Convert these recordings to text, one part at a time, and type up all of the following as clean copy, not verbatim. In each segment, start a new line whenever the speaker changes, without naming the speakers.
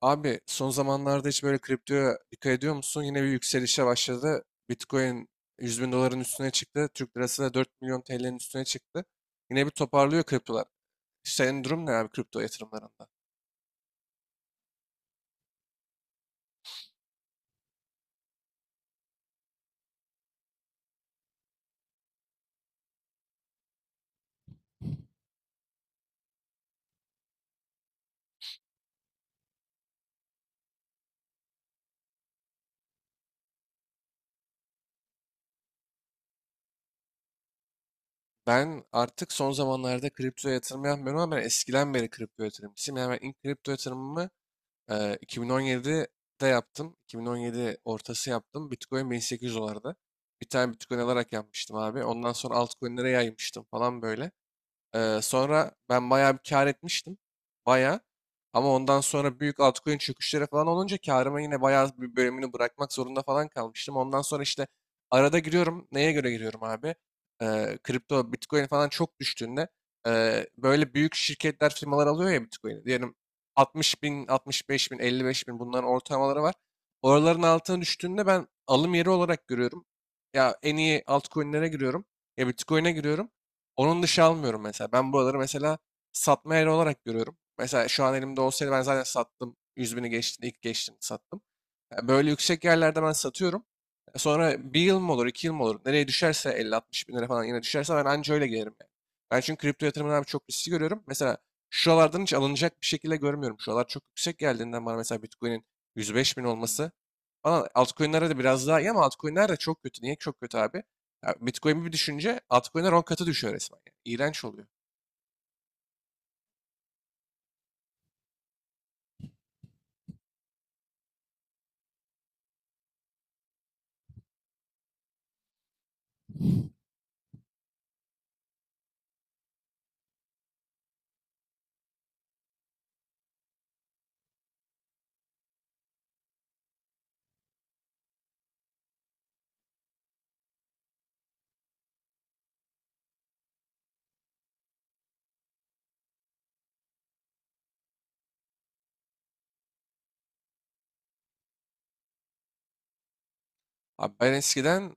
Abi son zamanlarda hiç böyle kriptoya dikkat ediyor musun? Yine bir yükselişe başladı. Bitcoin 100 bin doların üstüne çıktı. Türk lirası da 4 milyon TL'nin üstüne çıktı. Yine bir toparlıyor kriptolar. Senin durum ne abi kripto yatırımlarında? Ben artık son zamanlarda kriptoya yatırım yapmıyorum ama ben eskiden beri kripto yatırımcısıyım. Yani ben ilk kripto yatırımımı e, 2017'de yaptım. 2017 ortası yaptım. Bitcoin 1800 dolardı. Bir tane Bitcoin alarak yapmıştım abi. Ondan sonra altcoin'lere yaymıştım falan böyle. Sonra ben bayağı bir kar etmiştim. Bayağı. Ama ondan sonra büyük altcoin çöküşleri falan olunca karıma yine bayağı bir bölümünü bırakmak zorunda falan kalmıştım. Ondan sonra işte arada giriyorum. Neye göre giriyorum abi? Kripto, Bitcoin falan çok düştüğünde böyle büyük şirketler, firmalar alıyor ya Bitcoin'i. Diyelim 60 bin, 65 bin, 55 bin bunların ortalamaları var. Oraların altına düştüğünde ben alım yeri olarak görüyorum. Ya en iyi altcoin'lere giriyorum. Ya Bitcoin'e giriyorum. Onun dışı almıyorum mesela. Ben buraları mesela satma yeri olarak görüyorum. Mesela şu an elimde olsaydı ben zaten sattım. 100 bini geçti, ilk geçtim sattım. Böyle yüksek yerlerde ben satıyorum. Sonra bir yıl mı olur, iki yıl mı olur? Nereye düşerse 50-60 bin lira falan yine düşerse ben anca öyle gelirim yani. Ben çünkü kripto yatırımını abi çok riskli görüyorum. Mesela şuralardan hiç alınacak bir şekilde görmüyorum. Şuralar çok yüksek geldiğinden bana mesela Bitcoin'in 105 bin olması falan altcoin'lere de biraz daha iyi ama altcoin'ler de çok kötü. Niye çok kötü abi? Ya Bitcoin bir düşünce altcoin'ler 10 katı düşüyor resmen. Yani. İğrenç oluyor. Abi ben eskiden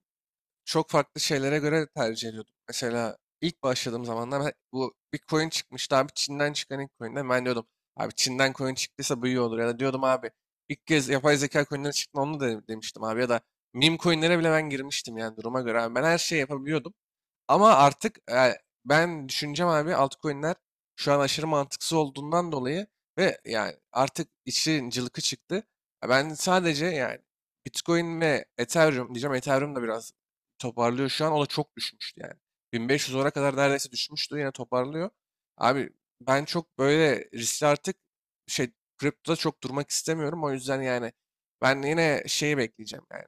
çok farklı şeylere göre tercih ediyordum. Mesela ilk başladığım zamanlar bu bir coin çıkmıştı abi Çin'den çıkan ilk coin'de ben diyordum abi Çin'den coin çıktıysa bu iyi olur ya da diyordum abi ilk kez yapay zeka coin'leri çıktı onu da demiştim abi ya da meme coin'lere bile ben girmiştim yani duruma göre abi ben her şeyi yapabiliyordum. Ama artık ben düşüneceğim abi altcoin'ler şu an aşırı mantıksız olduğundan dolayı ve yani artık işin cılkı çıktı. Ya ben sadece yani Bitcoin ve Ethereum diyeceğim. Ethereum da biraz toparlıyor şu an. O da çok düşmüştü yani. 1500 dolara kadar neredeyse düşmüştü. Yine toparlıyor. Abi ben çok böyle riskli artık şey kriptoda çok durmak istemiyorum. O yüzden yani ben yine şeyi bekleyeceğim. Yani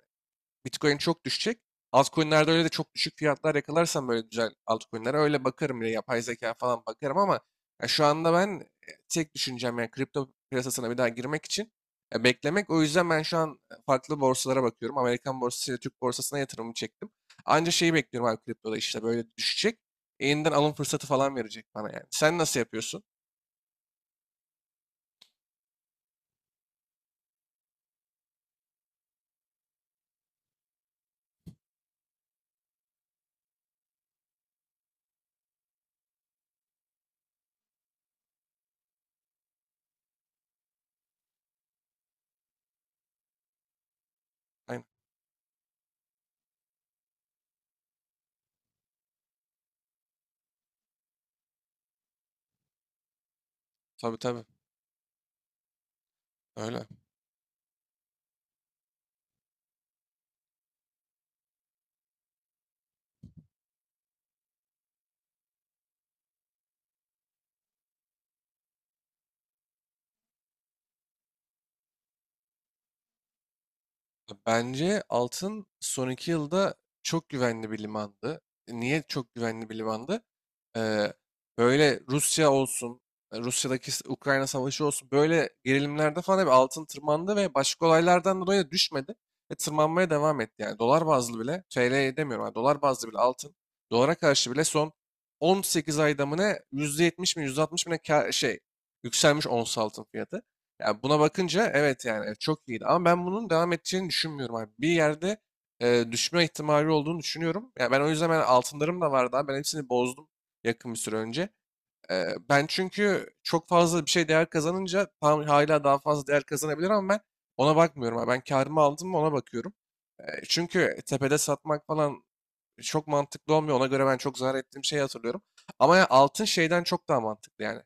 Bitcoin çok düşecek. Altcoin'lerde öyle de çok düşük fiyatlar yakalarsam böyle güzel altcoin'lere öyle bakarım. Yine yapay zeka falan bakarım ama ya şu anda ben tek düşüncem yani kripto piyasasına bir daha girmek için beklemek. O yüzden ben şu an farklı borsalara bakıyorum. Amerikan borsası ile Türk borsasına yatırımımı çektim. Anca şeyi bekliyorum abi kriptoda işte böyle düşecek. Yeniden alım fırsatı falan verecek bana yani. Sen nasıl yapıyorsun? Aynen. Tabii tabii. Öyle. Bence altın son 2 yılda çok güvenli bir limandı. Niye çok güvenli bir limandı? Ee, Böyle Rusya olsun, Rusya'daki Ukrayna savaşı olsun böyle gerilimlerde falan hep altın tırmandı ve başka olaylardan dolayı da düşmedi ve tırmanmaya devam etti. Yani dolar bazlı bile, TL demiyorum yani dolar bazlı bile altın, dolara karşı bile son 18 ayda mı ne %70 mi %60 mi ne yükselmiş ons altın fiyatı. Yani buna bakınca evet yani evet, çok iyiydi. Ama ben bunun devam edeceğini düşünmüyorum abi. Bir yerde düşme ihtimali olduğunu düşünüyorum. Ya ben o yüzden ben altınlarım da vardı abi. Ben hepsini bozdum yakın bir süre önce. Ben çünkü çok fazla bir şey değer kazanınca tam hala daha fazla değer kazanabilir ama ben ona bakmıyorum abi. Ben karımı aldım mı ona bakıyorum. Çünkü tepede satmak falan çok mantıklı olmuyor. Ona göre ben çok zarar ettiğim şeyi hatırlıyorum. Ama ya altın şeyden çok daha mantıklı yani.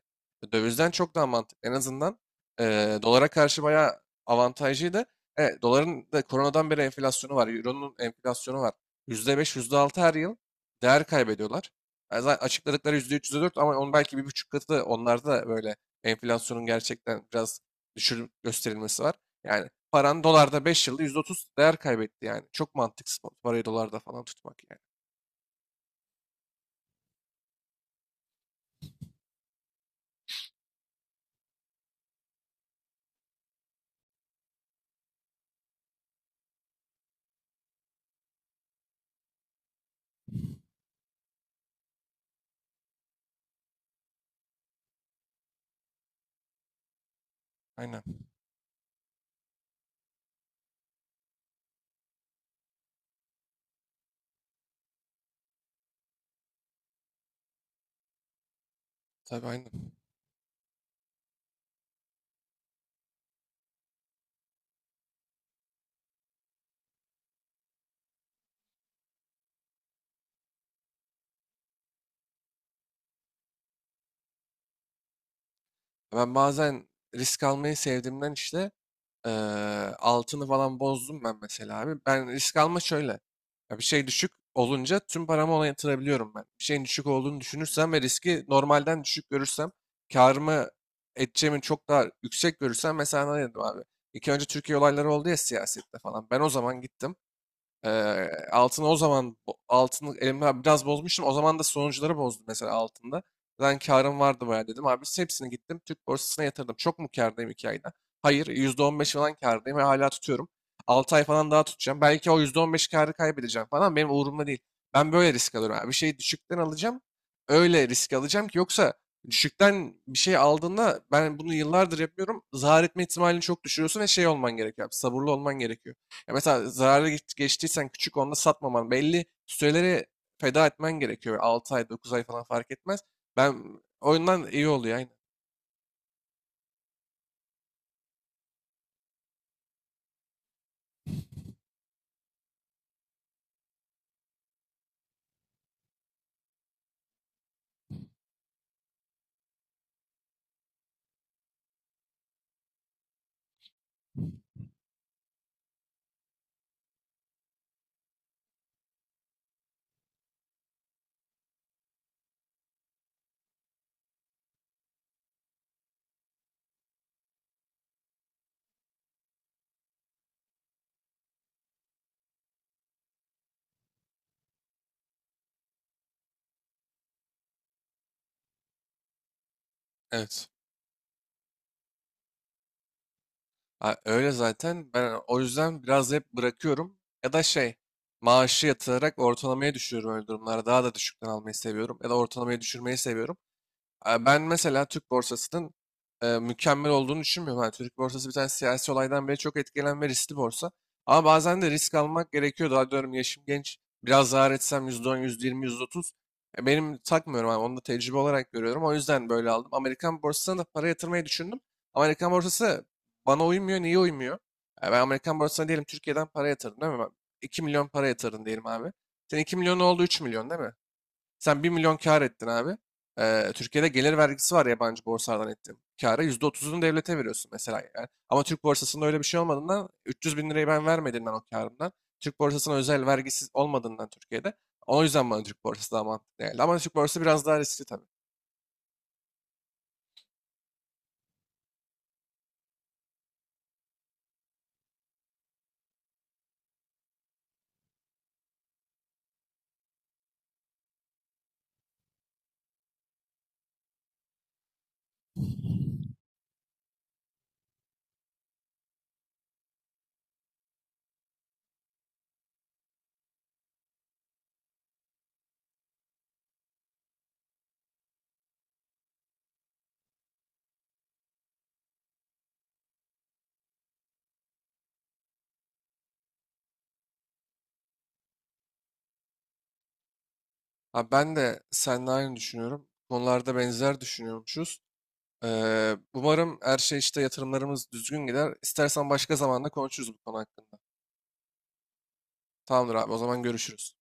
Dövizden çok daha mantıklı. En azından dolara karşı bayağı avantajlıydı. Evet, doların da koronadan beri enflasyonu var. Euro'nun enflasyonu var. %5, %6 her yıl değer kaybediyorlar. Yani zaten açıkladıkları %3, %4 ama onun belki bir buçuk katı da onlarda da böyle enflasyonun gerçekten biraz düşür gösterilmesi var. Yani paran dolarda 5 yılda %30 değer kaybetti yani. Çok mantıksız parayı dolarda falan tutmak yani. Aynen. Tabii aynen. Ben bazen risk almayı sevdiğimden işte eee, altını falan bozdum ben mesela abi. Ben risk alma şöyle. Ya bir şey düşük olunca tüm paramı ona yatırabiliyorum ben. Bir şeyin düşük olduğunu düşünürsem ve riski normalden düşük görürsem karımı edeceğimi çok daha yüksek görürsem mesela ne dedim abi. İki önce Türkiye olayları oldu ya siyasette falan. Ben o zaman gittim. Altını o zaman altını elimden biraz bozmuştum. O zaman da sonuçları bozdu mesela altında. Ben karım vardı bayağı dedim. Abi hepsini gittim Türk borsasına yatırdım. Çok mu kârdayım 2 ayda? Hayır %15 falan kârdayım ve hala tutuyorum. 6 ay falan daha tutacağım. Belki o %15 kârı kaybedeceğim falan benim umurumda değil. Ben böyle risk alıyorum, abi. Bir şeyi düşükten alacağım. Öyle risk alacağım ki yoksa düşükten bir şey aldığında ben bunu yıllardır yapıyorum. Zarar etme ihtimalini çok düşürüyorsun ve şey olman gerekiyor. Abi, sabırlı olman gerekiyor. Ya mesela zararlı geçtiysen küçük onda satmaman belli süreleri feda etmen gerekiyor. 6 ay 9 ay falan fark etmez. Ben oyundan iyi oluyor aynen. Evet. Ha, öyle zaten ben o yüzden biraz hep bırakıyorum. Ya da maaşı yatırarak ortalamaya düşürüyorum öyle durumlarda. Daha da düşükten almayı seviyorum. Ya da ortalamaya düşürmeyi seviyorum. Ben mesela Türk borsasının mükemmel olduğunu düşünmüyorum. Yani Türk borsası bir tane siyasi olaydan beri çok etkilenen ve riskli borsa. Ama bazen de risk almak gerekiyor. Daha diyorum yaşım genç. Biraz zarar etsem %10, %20, %30. Benim takmıyorum abi. Onu da tecrübe olarak görüyorum. O yüzden böyle aldım. Amerikan borsasına da para yatırmayı düşündüm. Ama Amerikan borsası bana uymuyor. Niye uymuyor? Ben Amerikan borsasına diyelim Türkiye'den para yatırdım değil mi? Ben 2 milyon para yatırdın diyelim abi. Senin 2 milyon oldu, üç milyon değil mi? Sen 1 milyon kar ettin abi. Türkiye'de gelir vergisi var yabancı borsalardan ettiğin kâra. Yüzde otuz'unu devlete veriyorsun mesela. Yani. Ama Türk borsasında öyle bir şey olmadığından 300 bin lirayı ben vermediğimden o karımdan. Türk borsasına özel vergisiz olmadığından Türkiye'de. O yüzden bana Türk borsası daha mantıklı geldi. Ama Türk borsası biraz daha riskli tabii. Abi ben de seninle aynı düşünüyorum. Konularda benzer düşünüyormuşuz. Umarım her şey işte yatırımlarımız düzgün gider. İstersen başka zamanda konuşuruz bu konu hakkında. Tamamdır abi o zaman görüşürüz.